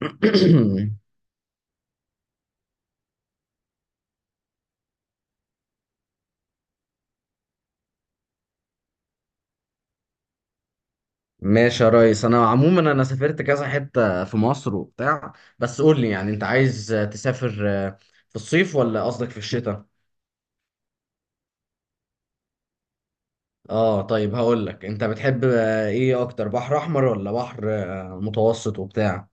ماشي يا ريس، انا عموما سافرت كذا حتة في مصر وبتاع. بس قول لي، يعني انت عايز تسافر في الصيف ولا قصدك في الشتاء؟ اه، طيب. هقول لك، انت بتحب ايه اكتر؟ بحر احمر ولا بحر متوسط وبتاع؟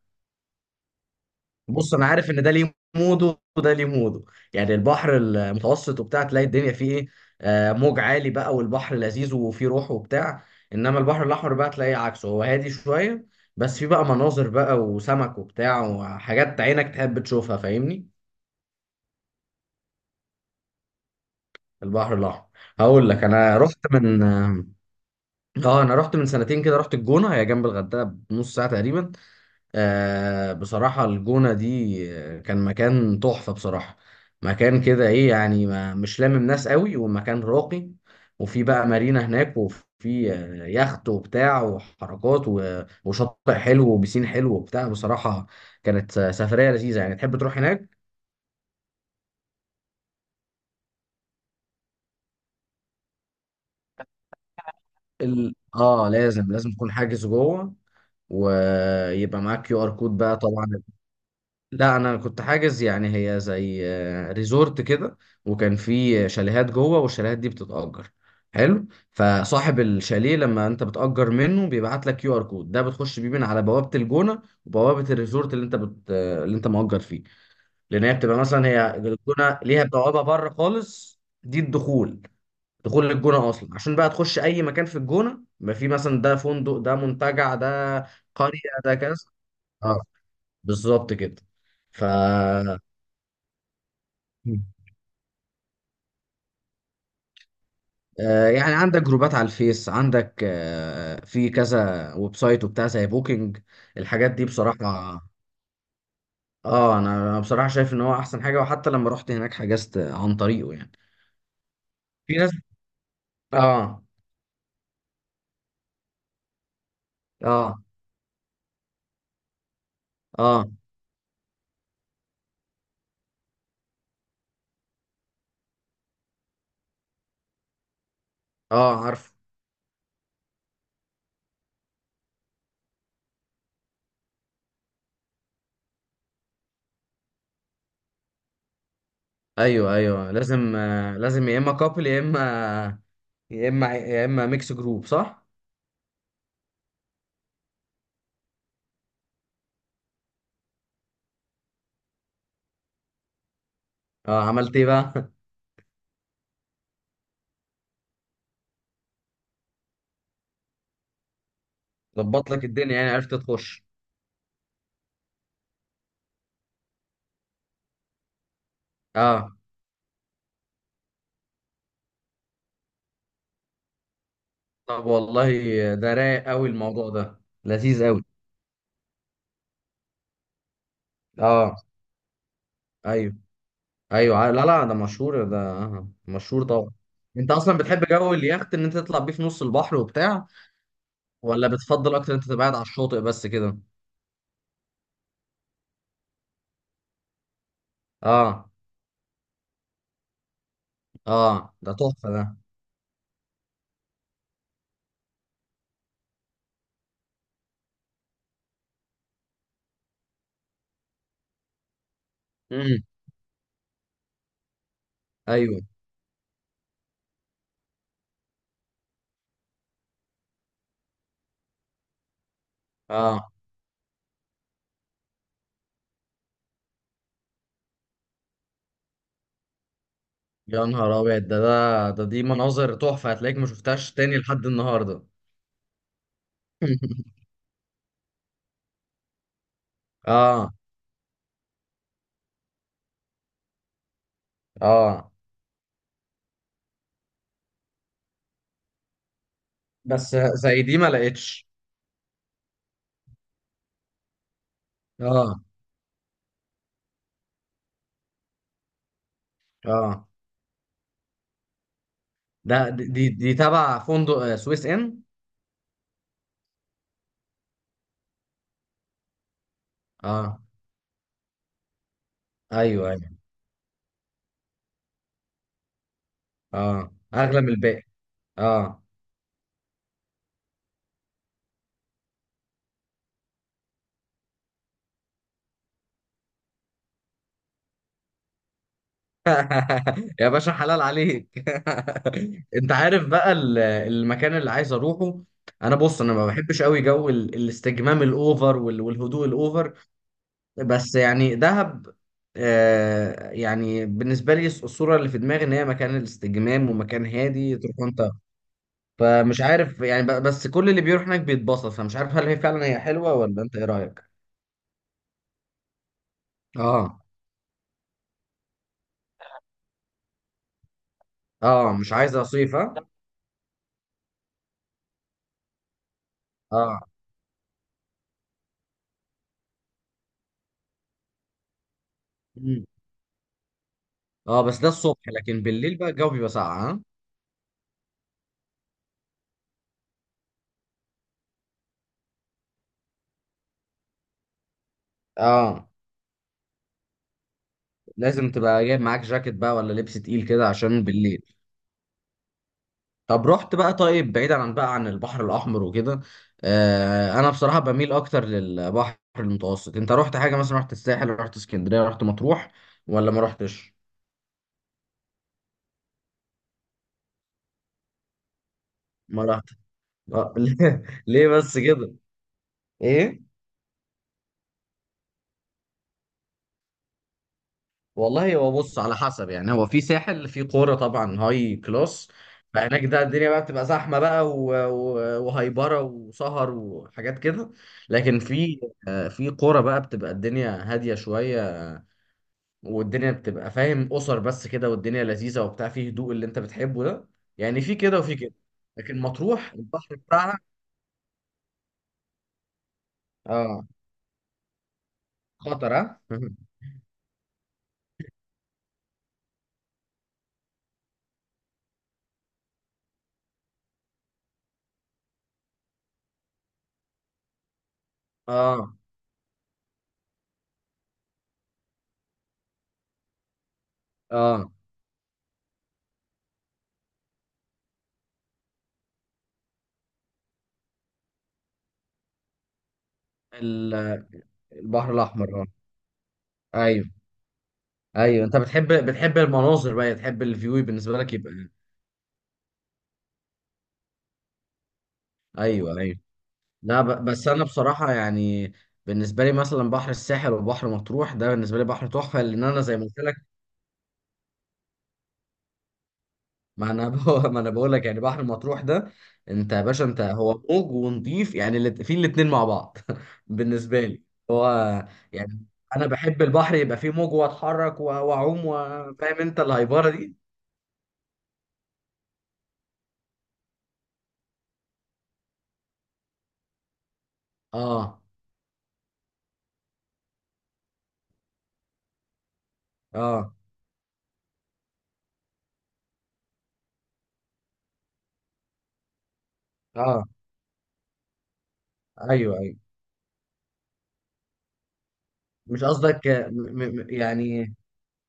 بص، انا عارف ان ده ليه موده وده ليه موده. يعني البحر المتوسط وبتاع تلاقي الدنيا فيه ايه؟ موج عالي بقى، والبحر لذيذ وفيه روح وبتاع. انما البحر الاحمر بقى تلاقيه عكسه، هو هادي شويه. بس فيه بقى مناظر بقى وسمك وبتاع، وحاجات عينك تحب تشوفها، فاهمني. البحر الاحمر. هقول لك، انا رحت من سنتين كده، رحت الجونه، هي جنب الغردقه بنص ساعه تقريبا. بصراحة الجونة دي كان مكان تحفة بصراحة. مكان كده ايه يعني، ما مش لامم ناس قوي، والمكان راقي. وفي بقى مارينا هناك، وفي يخت وبتاع وحركات، وشاطئ حلو وبسين حلو وبتاع بصراحة. كانت سفرية لذيذة، يعني تحب تروح هناك. ال... اه لازم لازم تكون حاجز جوه، ويبقى معاك كيو ار كود بقى طبعا. لا، انا كنت حاجز، يعني هي زي ريزورت كده، وكان في شاليهات جوه، والشاليهات دي بتتأجر. حلو. فصاحب الشاليه لما انت بتأجر منه، بيبعت لك كيو ار كود ده، بتخش بيه من على بوابة الجونة وبوابة الريزورت اللي انت مأجر فيه. لان هي بتبقى مثلا، هي الجونة ليها بوابة بره خالص، دي الدخول. دخول للجونة اصلا، عشان بقى تخش اي مكان في الجونة، ما في مثلا ده فندق، ده منتجع، ده قرية، ده كذا. اه، بالظبط كده. ف مم. آه، يعني عندك جروبات على الفيس، عندك في كذا ويب سايت وبتاع، زي بوكينج. الحاجات دي بصراحة. انا بصراحة شايف ان هو احسن حاجة، وحتى لما رحت هناك حجزت عن طريقه يعني. في ناس. اه. اه. اه. اه، عارف. ايوه، ايوه، لازم. لازم يا اما كابل، يا اما ميكس جروب، صح. اه، عملت ايه بقى؟ ظبط لك الدنيا، يعني عرفت تخش. اه، طب والله، ده رايق قوي، الموضوع ده لذيذ قوي. اه، ايوه ايوه. لا لا، ده مشهور ده، مشهور طبعا. انت اصلا بتحب جو اليخت، ان انت تطلع بيه في نص البحر وبتاع، ولا بتفضل اكتر انت تبقى قاعد على الشاطئ بس كده؟ اه اه، ده تحفه ده. امم ايوه، اه. يا نهار ابيض! ده ده ده دي مناظر تحفه، هتلاقيك ما شفتهاش تاني لحد النهارده. اه اه، بس زي دي ما لقيتش. اه اه، ده دي دي دي تبع فندق سويس ان. اه، ايوه ايوه، اه، اغلى من الباقي. اه. يا باشا، حلال عليك. انت عارف بقى المكان اللي عايز اروحه. بص انا ما بحبش قوي جو الاستجمام الاوفر، والهدوء الاوفر. بس يعني دهب، يعني بالنسبه لي الصوره اللي في دماغي ان هي مكان الاستجمام ومكان هادي تروح انت. فمش عارف يعني، بس كل اللي بيروح هناك بيتبسط. فمش عارف هل هي فعلا هي حلوه، ولا انت ايه رايك؟ اه اه، مش عايز اصيف، ها. اه اه، بس ده الصبح، لكن بالليل بقى الجو بيبقى ساقع، ها. اه، لازم تبقى جايب معاك جاكيت بقى، ولا لبس تقيل كده عشان بالليل. طب رحت بقى، طيب، بعيدا عن بقى عن البحر الاحمر وكده، انا بصراحة بميل اكتر للبحر المتوسط. انت رحت حاجة مثلا، رحت الساحل، رحت اسكندرية، رحت مطروح، ولا ما رحتش؟ ما رحت. ليه ليه بس كده؟ ايه والله، هو بص، على حسب. يعني هو في ساحل، في قرى طبعا هاي كلاس، فهناك ده الدنيا بقى بتبقى زحمه بقى، وهايبره وسهر وحاجات كده. لكن في في قرى بقى بتبقى الدنيا هاديه شويه، والدنيا بتبقى فاهم، اسر بس كده، والدنيا لذيذه وبتاع، فيه هدوء اللي انت بتحبه ده. يعني في كده وفي كده. لكن مطروح البحر بتاعها. اه، خطر، اه. اه اه، ال- البحر الاحمر. اه، ايوه ايوه. انت بتحب المناظر بقى، تحب الفيو بالنسبه لك يبقى. ايوه ايوه. لا، بس انا بصراحه يعني، بالنسبه لي مثلا بحر الساحل وبحر مطروح، ده بالنسبه لي بحر تحفه، لان انا زي ما قلت لك. ما انا ب... ما انا بقول لك، يعني بحر مطروح ده، انت يا باشا هو موج ونضيف. يعني في الاتنين مع بعض. بالنسبه لي، هو يعني انا بحب البحر يبقى فيه موج، واتحرك واعوم، فاهم انت الهايبره دي. اه، اه، اه، ايوه ايوه. مش قصدك م م يعني.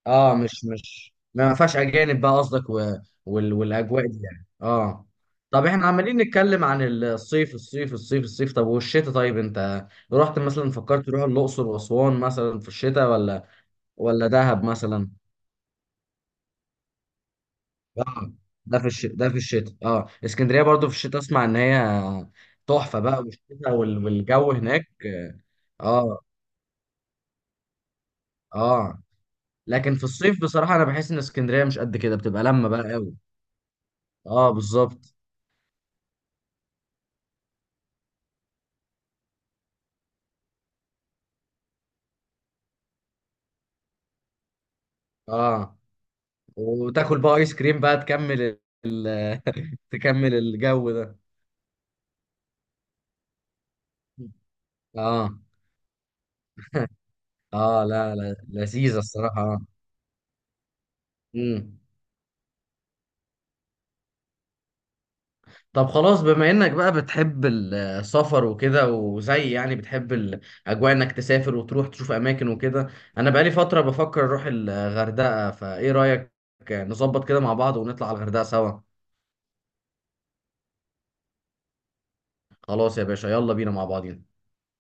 اه، مش ما فيهاش اجانب بقى قصدك، والاجواء دي يعني، اه. طب، احنا عمالين نتكلم عن الصيف الصيف الصيف الصيف، طب والشتاء؟ طيب انت رحت مثلا، فكرت تروح الاقصر واسوان مثلا في الشتاء، ولا دهب مثلا. اه، ده في الشتاء. اه، اسكندريه برضو في الشتاء، اسمع ان هي تحفه بقى، والشتاء والجو هناك. اه اه. لكن في الصيف بصراحه، انا بحس ان اسكندريه مش قد كده، بتبقى لما بقى قوي. اه، بالظبط، اه. وتاكل بقى ايس كريم بقى، تكمل ال... تكمل الجو ده. اه اه، لا لا، لذيذة الصراحة، اه. امم طب خلاص، بما انك بقى بتحب السفر وكده، وزي يعني بتحب الاجواء انك تسافر وتروح تشوف اماكن وكده، انا بقالي فترة بفكر اروح الغردقة، فايه رأيك؟ نظبط كده مع بعض ونطلع على الغردقة سوا. خلاص يا باشا، يلا بينا مع بعض.